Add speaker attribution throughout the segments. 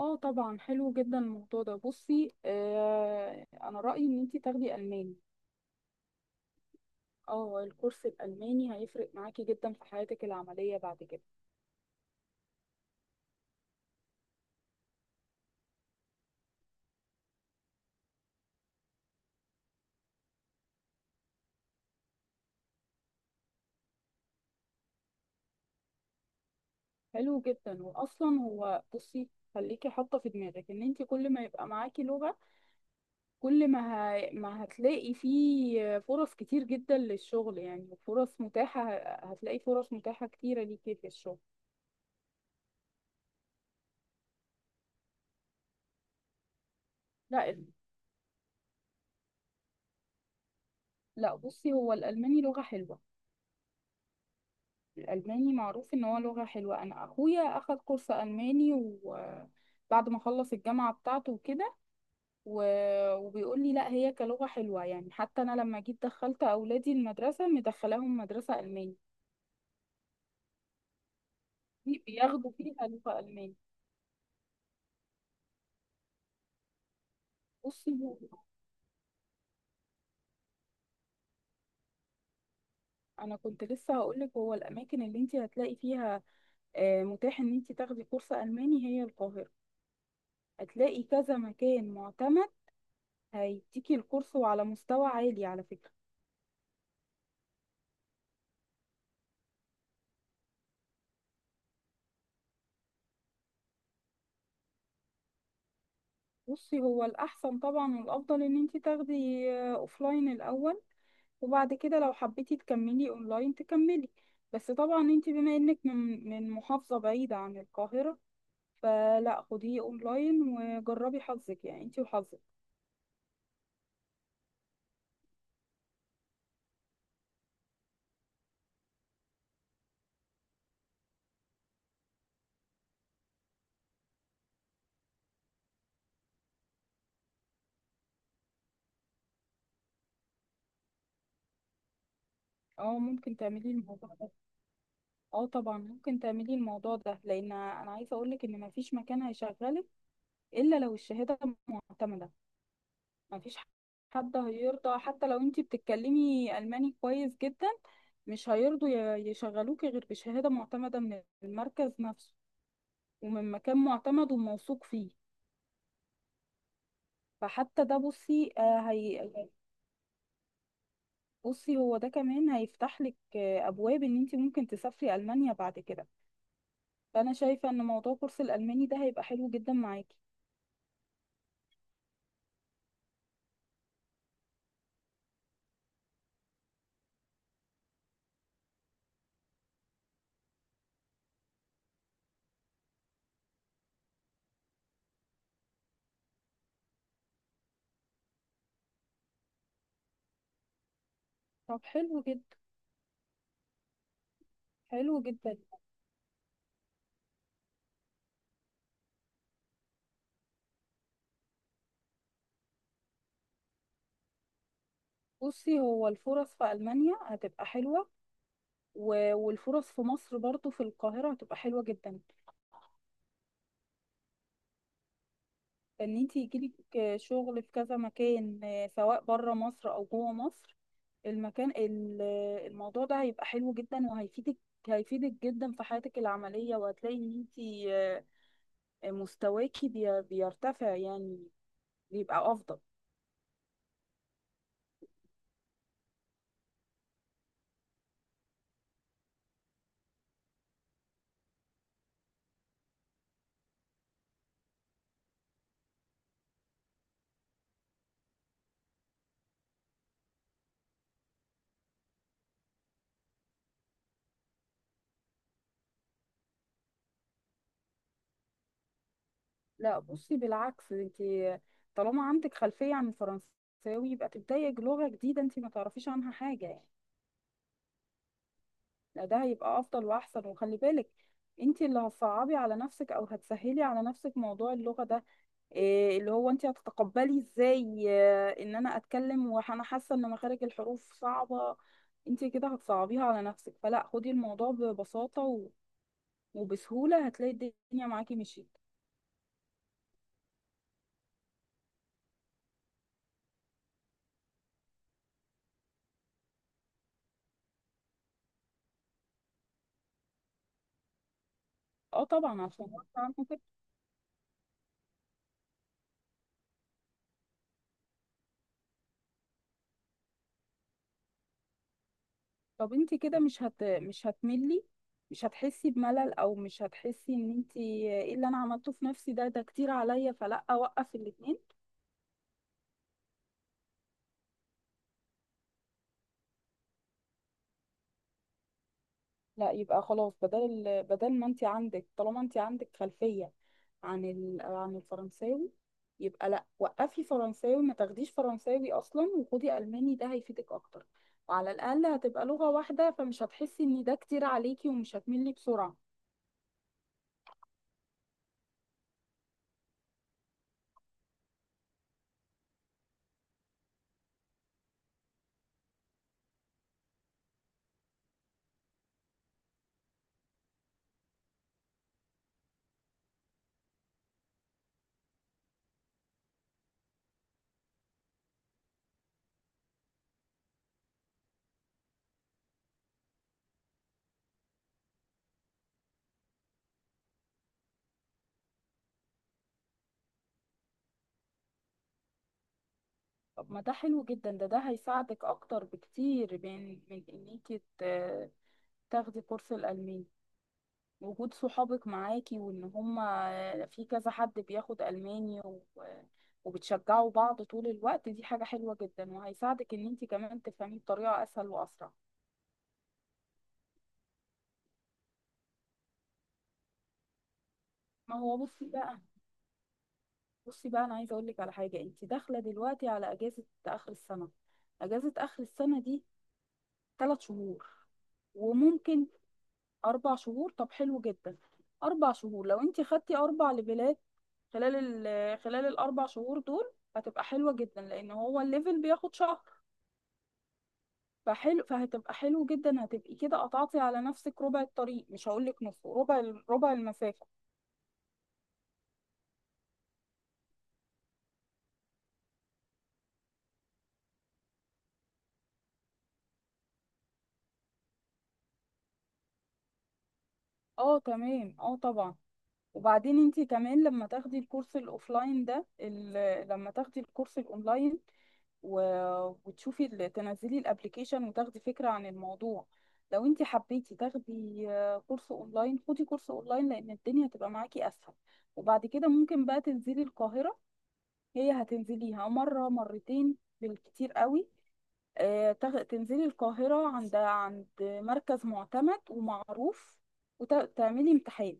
Speaker 1: اه طبعا حلو جدا الموضوع ده. بصي، انا رأيي ان انتي تاخدي الماني. اه الكورس الالماني هيفرق معاكي جدا في حياتك العملية بعد كده. حلو جدا، واصلا هو بصي خليكي حاطه في دماغك ان انتي كل ما يبقى معاكي لغة، كل ما ما هتلاقي فيه فرص كتير جدا للشغل. يعني فرص متاحة هتلاقي فرص متاحة كتيرة ليكي في الشغل. لا ال- لا بصي هو الالماني لغة حلوة. الألماني معروف إن هو لغة حلوة. أنا أخويا أخد كورس ألماني، وبعد ما خلص الجامعة بتاعته وكده و... وبيقول لي لا، هي كلغة حلوة. يعني حتى أنا لما جيت دخلت أولادي المدرسة مدخلاهم مدرسة ألماني. بياخدوا فيها لغة ألماني. بصي هو- أنا كنت لسه هقولك هو الأماكن اللي أنت هتلاقي فيها متاح ان انت تاخدي كورس الماني هي القاهره. هتلاقي كذا مكان معتمد هيديكي الكورس، وعلى مستوى عالي على فكره. بصي هو الأحسن طبعا والأفضل إن انتي تاخدي أوفلاين الأول. وبعد كده لو حبيتي تكملي اونلاين تكملي. بس طبعا انت بما انك من محافظة بعيدة عن القاهرة، فلا خديه اونلاين وجربي حظك يعني انت وحظك. اه، ممكن تعملي الموضوع ده. اه طبعا، ممكن تعملي الموضوع ده، لان انا عايزة اقولك ان مفيش مكان هيشغلك الا لو الشهادة معتمدة. مفيش حد هيرضى حتى لو انتي بتتكلمي ألماني كويس جدا، مش هيرضوا يشغلوكي غير بشهادة معتمدة من المركز نفسه، ومن مكان معتمد وموثوق فيه. فحتى ده بصي آه، هي بصي هو ده كمان هيفتح لك أبواب إن انتي ممكن تسافري ألمانيا بعد كده. فأنا شايفة إن موضوع كورس الألماني ده هيبقى حلو جدا معاكي. طب حلو جدا. حلو جدا. بصي هو الفرص في ألمانيا هتبقى حلوة، والفرص في مصر برضو في القاهرة هتبقى حلوة جدا. ان انت يجيلك شغل في كذا مكان، سواء بره مصر او جوه مصر. المكان ال- آه، الموضوع ده هيبقى حلو جدا وهيفيدك. هيفيدك جدا في حياتك العملية، وهتلاقي ان انت مستواكي بيرتفع يعني، بيبقى افضل. لا بصي بالعكس، انت طالما عندك خلفية عن الفرنساوي، يبقى تبدأي لغة جديدة انت ما تعرفيش عنها حاجة يعني. لا، ده هيبقى افضل واحسن. وخلي بالك انت اللي هتصعبي على نفسك او هتسهلي على نفسك موضوع اللغة ده. إيه اللي هو انت هتتقبلي ازاي ان انا اتكلم وانا حاسة ان مخارج الحروف صعبة. انت كده هتصعبيها على نفسك. فلا خدي الموضوع ببساطة وبسهولة هتلاقي الدنيا معاكي مشيت. اه طبعا، عشان غصب عنك كده. طب انت كده مش هتملي، مش هتحسي بملل او مش هتحسي ان انت ايه اللي انا عملته في نفسي، ده كتير عليا فلا اوقف الاتنين. لا يبقى خلاص، بدل ما انت عندك طالما انت عندك خلفية عن الفرنساوي، يبقى لا وقفي فرنساوي، ما تاخديش فرنساوي اصلا، وخدي الماني ده هيفيدك اكتر. وعلى الاقل هتبقى لغة واحدة، فمش هتحسي ان ده كتير عليكي ومش هتملي بسرعة. طب ما ده حلو جدا، ده هيساعدك اكتر بكتير من انك تاخدي كورس الالماني. وجود صحابك معاكي وان هما في كذا حد بياخد الماني وبتشجعوا بعض طول الوقت، دي حاجة حلوة جدا وهيساعدك ان انت كمان تفهميه بطريقة اسهل واسرع. ما هو بصي بقى انا عايزة اقول لك على حاجة، انت داخلة دلوقتي على اجازة اخر السنة. اجازة اخر السنة دي 3 شهور، وممكن 4 شهور. طب حلو جدا. 4 شهور لو أنت خدتي 4 ليفلات خلال خلال الـ 4 شهور دول، هتبقى حلوة جدا لأن هو الليفل بياخد شهر. فهتبقى حلو جدا، هتبقي كده قطعتي على نفسك ربع الطريق، مش هقولك نص، ربع المسافة. اه تمام، اه طبعا. وبعدين انت كمان لما تاخدي الكورس الاوفلاين ده، لما تاخدي الكورس الاونلاين وتشوفي تنزلي الابليكيشن وتاخدي فكرة عن الموضوع. لو انت حبيتي تاخدي كورس اونلاين، خدي كورس اونلاين لان الدنيا هتبقى معاكي اسهل. وبعد كده ممكن بقى تنزلي القاهرة، هي هتنزليها مرة مرتين بالكتير قوي. تنزلي القاهرة عند مركز معتمد ومعروف وتعملي امتحان.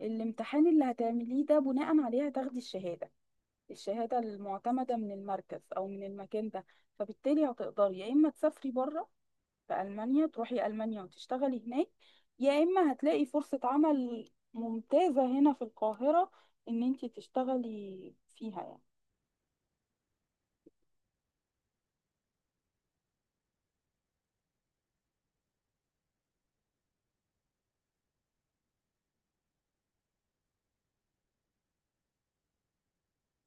Speaker 1: الامتحان اللي هتعمليه ده بناء عليه هتاخدي الشهادة المعتمدة من المركز أو من المكان ده. فبالتالي هتقدري يا إما تسافري بره في ألمانيا، تروحي ألمانيا وتشتغلي هناك، يا إما هتلاقي فرصة عمل ممتازة هنا في القاهرة إن أنت تشتغلي فيها يعني.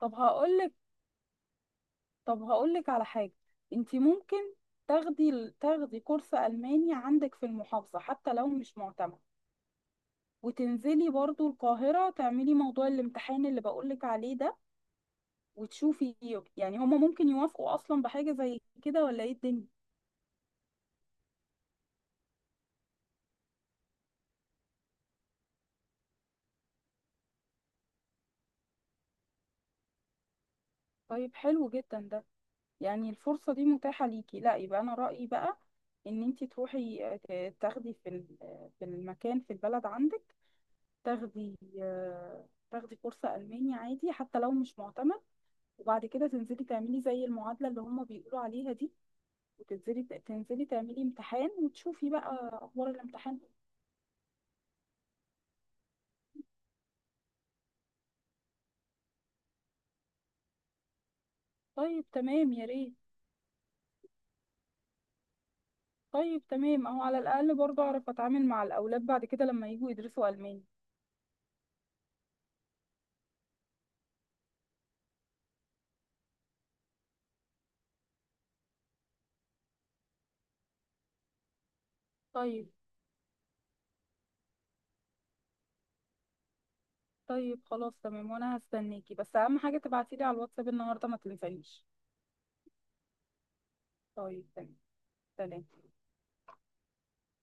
Speaker 1: طب هقولك طب هقولك على حاجة، أنت ممكن تاخدي كورس ألماني عندك في المحافظة حتى لو مش معتمد. وتنزلي برضو القاهرة تعملي موضوع الامتحان اللي بقولك عليه ده وتشوفي. يعني هما ممكن يوافقوا اصلا بحاجة زي كده، ولا ايه الدنيا؟ طيب حلو جدا ده، يعني الفرصة دي متاحة ليكي، لا يبقى انا رأيي بقى ان انتي تروحي تاخدي في ال- آه، في المكان في البلد عندك. تاخدي تاخدي كورس ألماني عادي حتى لو مش معتمد. وبعد كده تنزلي تعملي زي المعادلة اللي هما بيقولوا عليها دي، وتنزلي تعملي امتحان وتشوفي بقى أخبار الامتحان. طيب تمام، يا ريت. طيب تمام، اهو على الاقل برضه اعرف اتعامل مع الاولاد بعد كده لما يجوا يدرسوا الماني. طيب، طيب، خلاص تمام. وانا هستناكي، بس اهم حاجه تبعتيلي على الواتساب النهارده ما تنسانيش. طيب تمام، سلام.